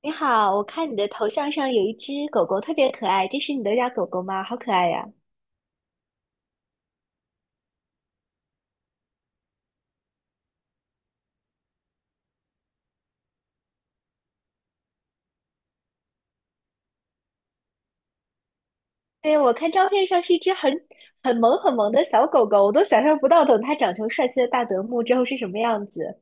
你好，我看你的头像上有一只狗狗，特别可爱，这是你的家狗狗吗？好可爱呀！对，我看照片上是一只很很萌的小狗狗，我都想象不到等它长成帅气的大德牧之后是什么样子。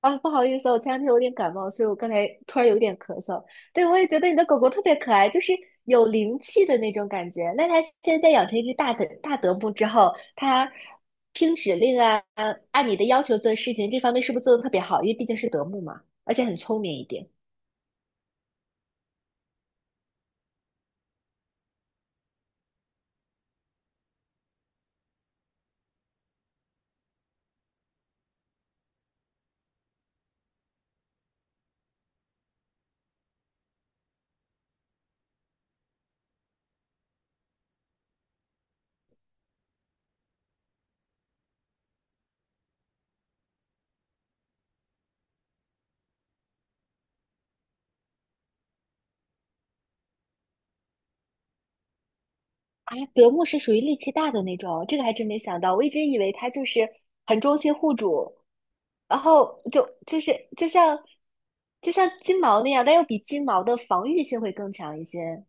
啊，不好意思，我前两天有点感冒，所以我刚才突然有点咳嗽。对，我也觉得你的狗狗特别可爱，就是有灵气的那种感觉。那它现在养成一只大德牧之后，它听指令啊，按你的要求做事情，这方面是不是做的特别好？因为毕竟是德牧嘛，而且很聪明一点。啊，德牧是属于力气大的那种，这个还真没想到。我一直以为它就是很忠心护主，然后就是就像就像金毛那样，但又比金毛的防御性会更强一些。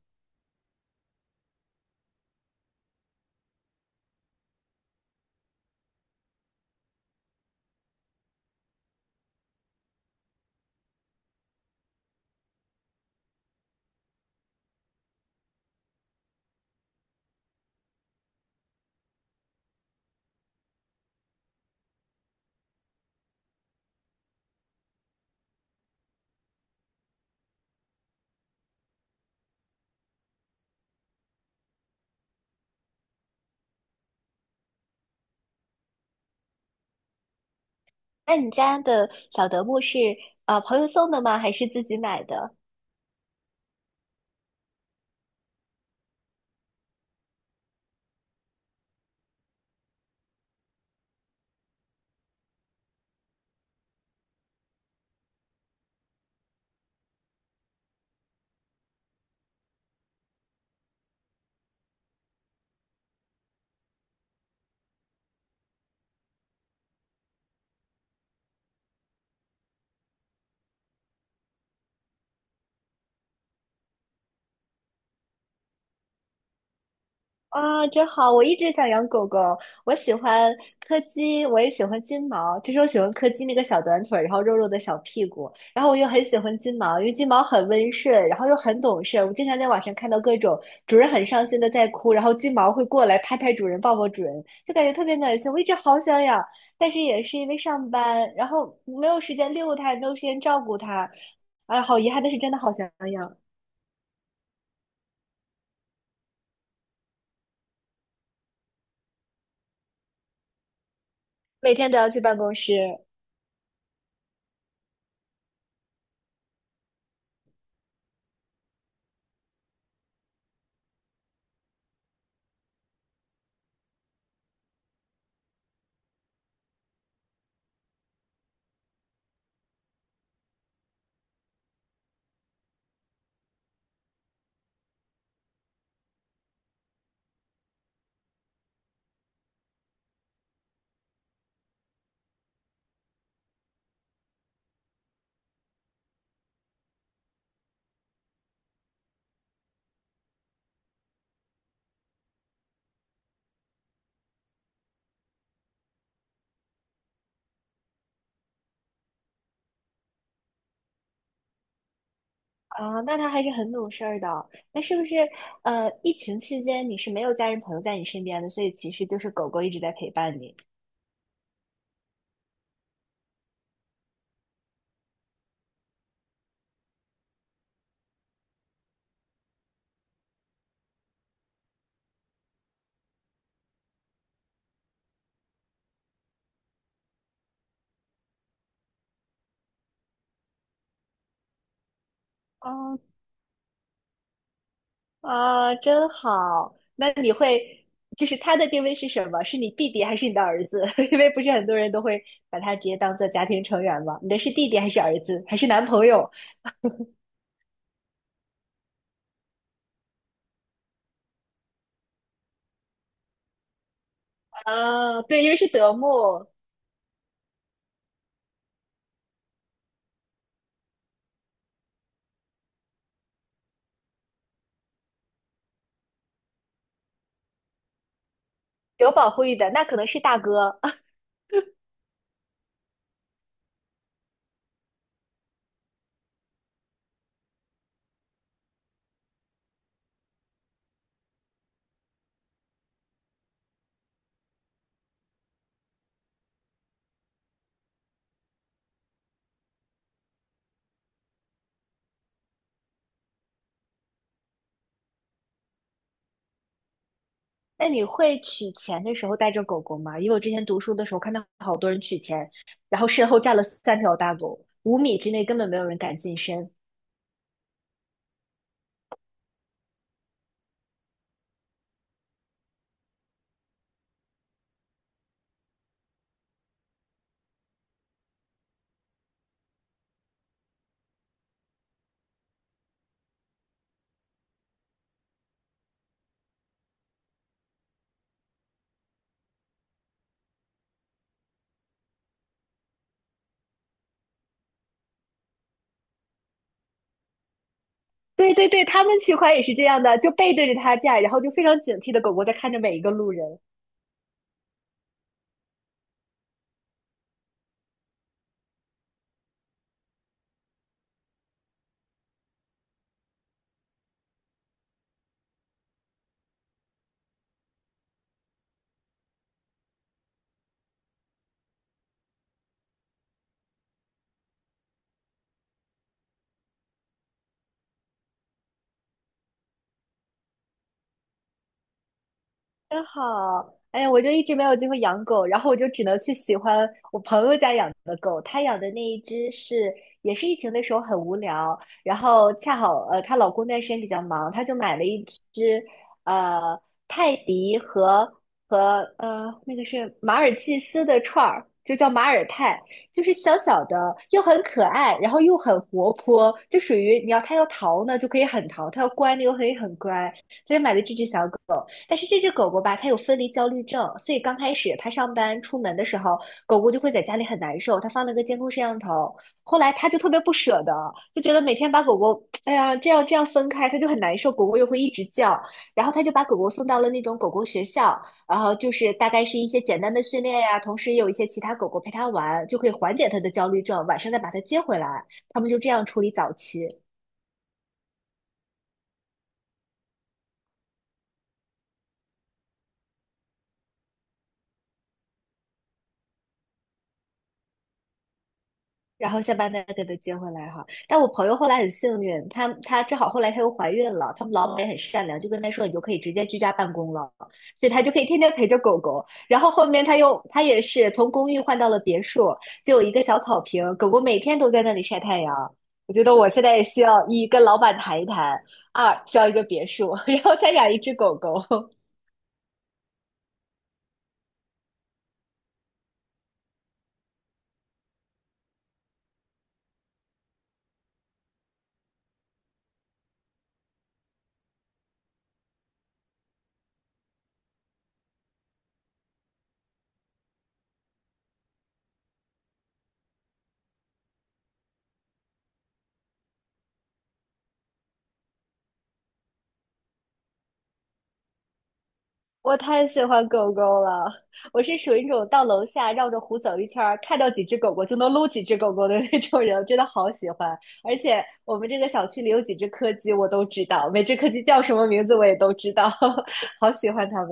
那你家的小德牧是朋友送的吗？还是自己买的？啊，真好！我一直想养狗狗，我喜欢柯基，我也喜欢金毛。其实我喜欢柯基那个小短腿儿，然后肉肉的小屁股，然后我又很喜欢金毛，因为金毛很温顺，然后又很懂事。我经常在网上看到各种主人很伤心的在哭，然后金毛会过来拍拍主人，抱抱主人，就感觉特别暖心。我一直好想养，但是也是因为上班，然后没有时间遛它，也没有时间照顾它。哎，好遗憾，但是真的好想养，每天都要去办公室。啊，那他还是很懂事儿的。那是不是疫情期间你是没有家人朋友在你身边的，所以其实就是狗狗一直在陪伴你。哦啊，真好。那你会就是它的定位是什么？是你弟弟还是你的儿子？因为不是很多人都会把它直接当做家庭成员嘛。你的是弟弟还是儿子还是男朋友？啊，对，因为是德牧，有保护欲的，那可能是大哥。那你会取钱的时候带着狗狗吗？因为我之前读书的时候看到好多人取钱，然后身后站了三条大狗，五米之内根本没有人敢近身。对对对，他们取款也是这样的，就背对着他站，然后就非常警惕的狗狗在看着每一个路人。真好，哎呀，我就一直没有机会养狗，然后我就只能去喜欢我朋友家养的狗。他养的那一只是，也是疫情的时候很无聊，然后恰好她老公那段时间比较忙，他就买了一只呃泰迪和和那个是马尔济斯的串儿，就叫马尔泰，就是小小的又很可爱，然后又很活泼，就属于你要它要逃呢就可以很逃，它要乖呢又可以很乖，所以买了这只小狗。但是这只狗狗吧，它有分离焦虑症，所以刚开始它上班出门的时候，狗狗就会在家里很难受。它放了个监控摄像头，后来它就特别不舍得，就觉得每天把狗狗，哎呀，这样分开，它就很难受。狗狗又会一直叫，然后它就把狗狗送到了那种狗狗学校，然后就是大概是一些简单的训练呀、同时也有一些其他狗狗陪它玩，就可以缓解它的焦虑症。晚上再把它接回来，他们就这样处理早期。然后下班再给她接回来哈。但我朋友后来很幸运，她正好后来她又怀孕了，他们老板也很善良，就跟她说你就可以直接居家办公了，所以她就可以天天陪着狗狗。然后后面她也是从公寓换到了别墅，就有一个小草坪，狗狗每天都在那里晒太阳。我觉得我现在也需要一跟老板谈一谈，二需要一个别墅，然后再养一只狗狗。我太喜欢狗狗了，我是属于那种到楼下绕着湖走一圈儿，看到几只狗狗就能撸几只狗狗的那种人，我真的好喜欢。而且我们这个小区里有几只柯基，我都知道，每只柯基叫什么名字我也都知道，好喜欢它们。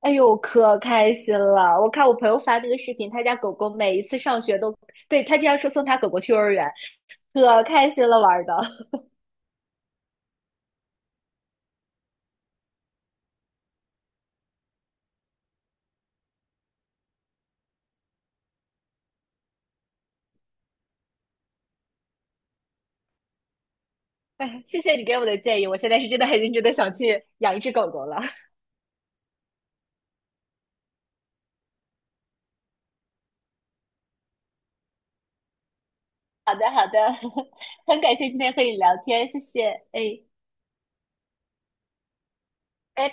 哎呦，可开心了！我看我朋友发那个视频，他家狗狗每一次上学都，对，他经常说送他狗狗去幼儿园，可开心了玩儿的。哎，谢谢你给我的建议，我现在是真的很认真的想去养一只狗狗了。好的，好的，很感谢今天和你聊天，谢谢，哎。哎，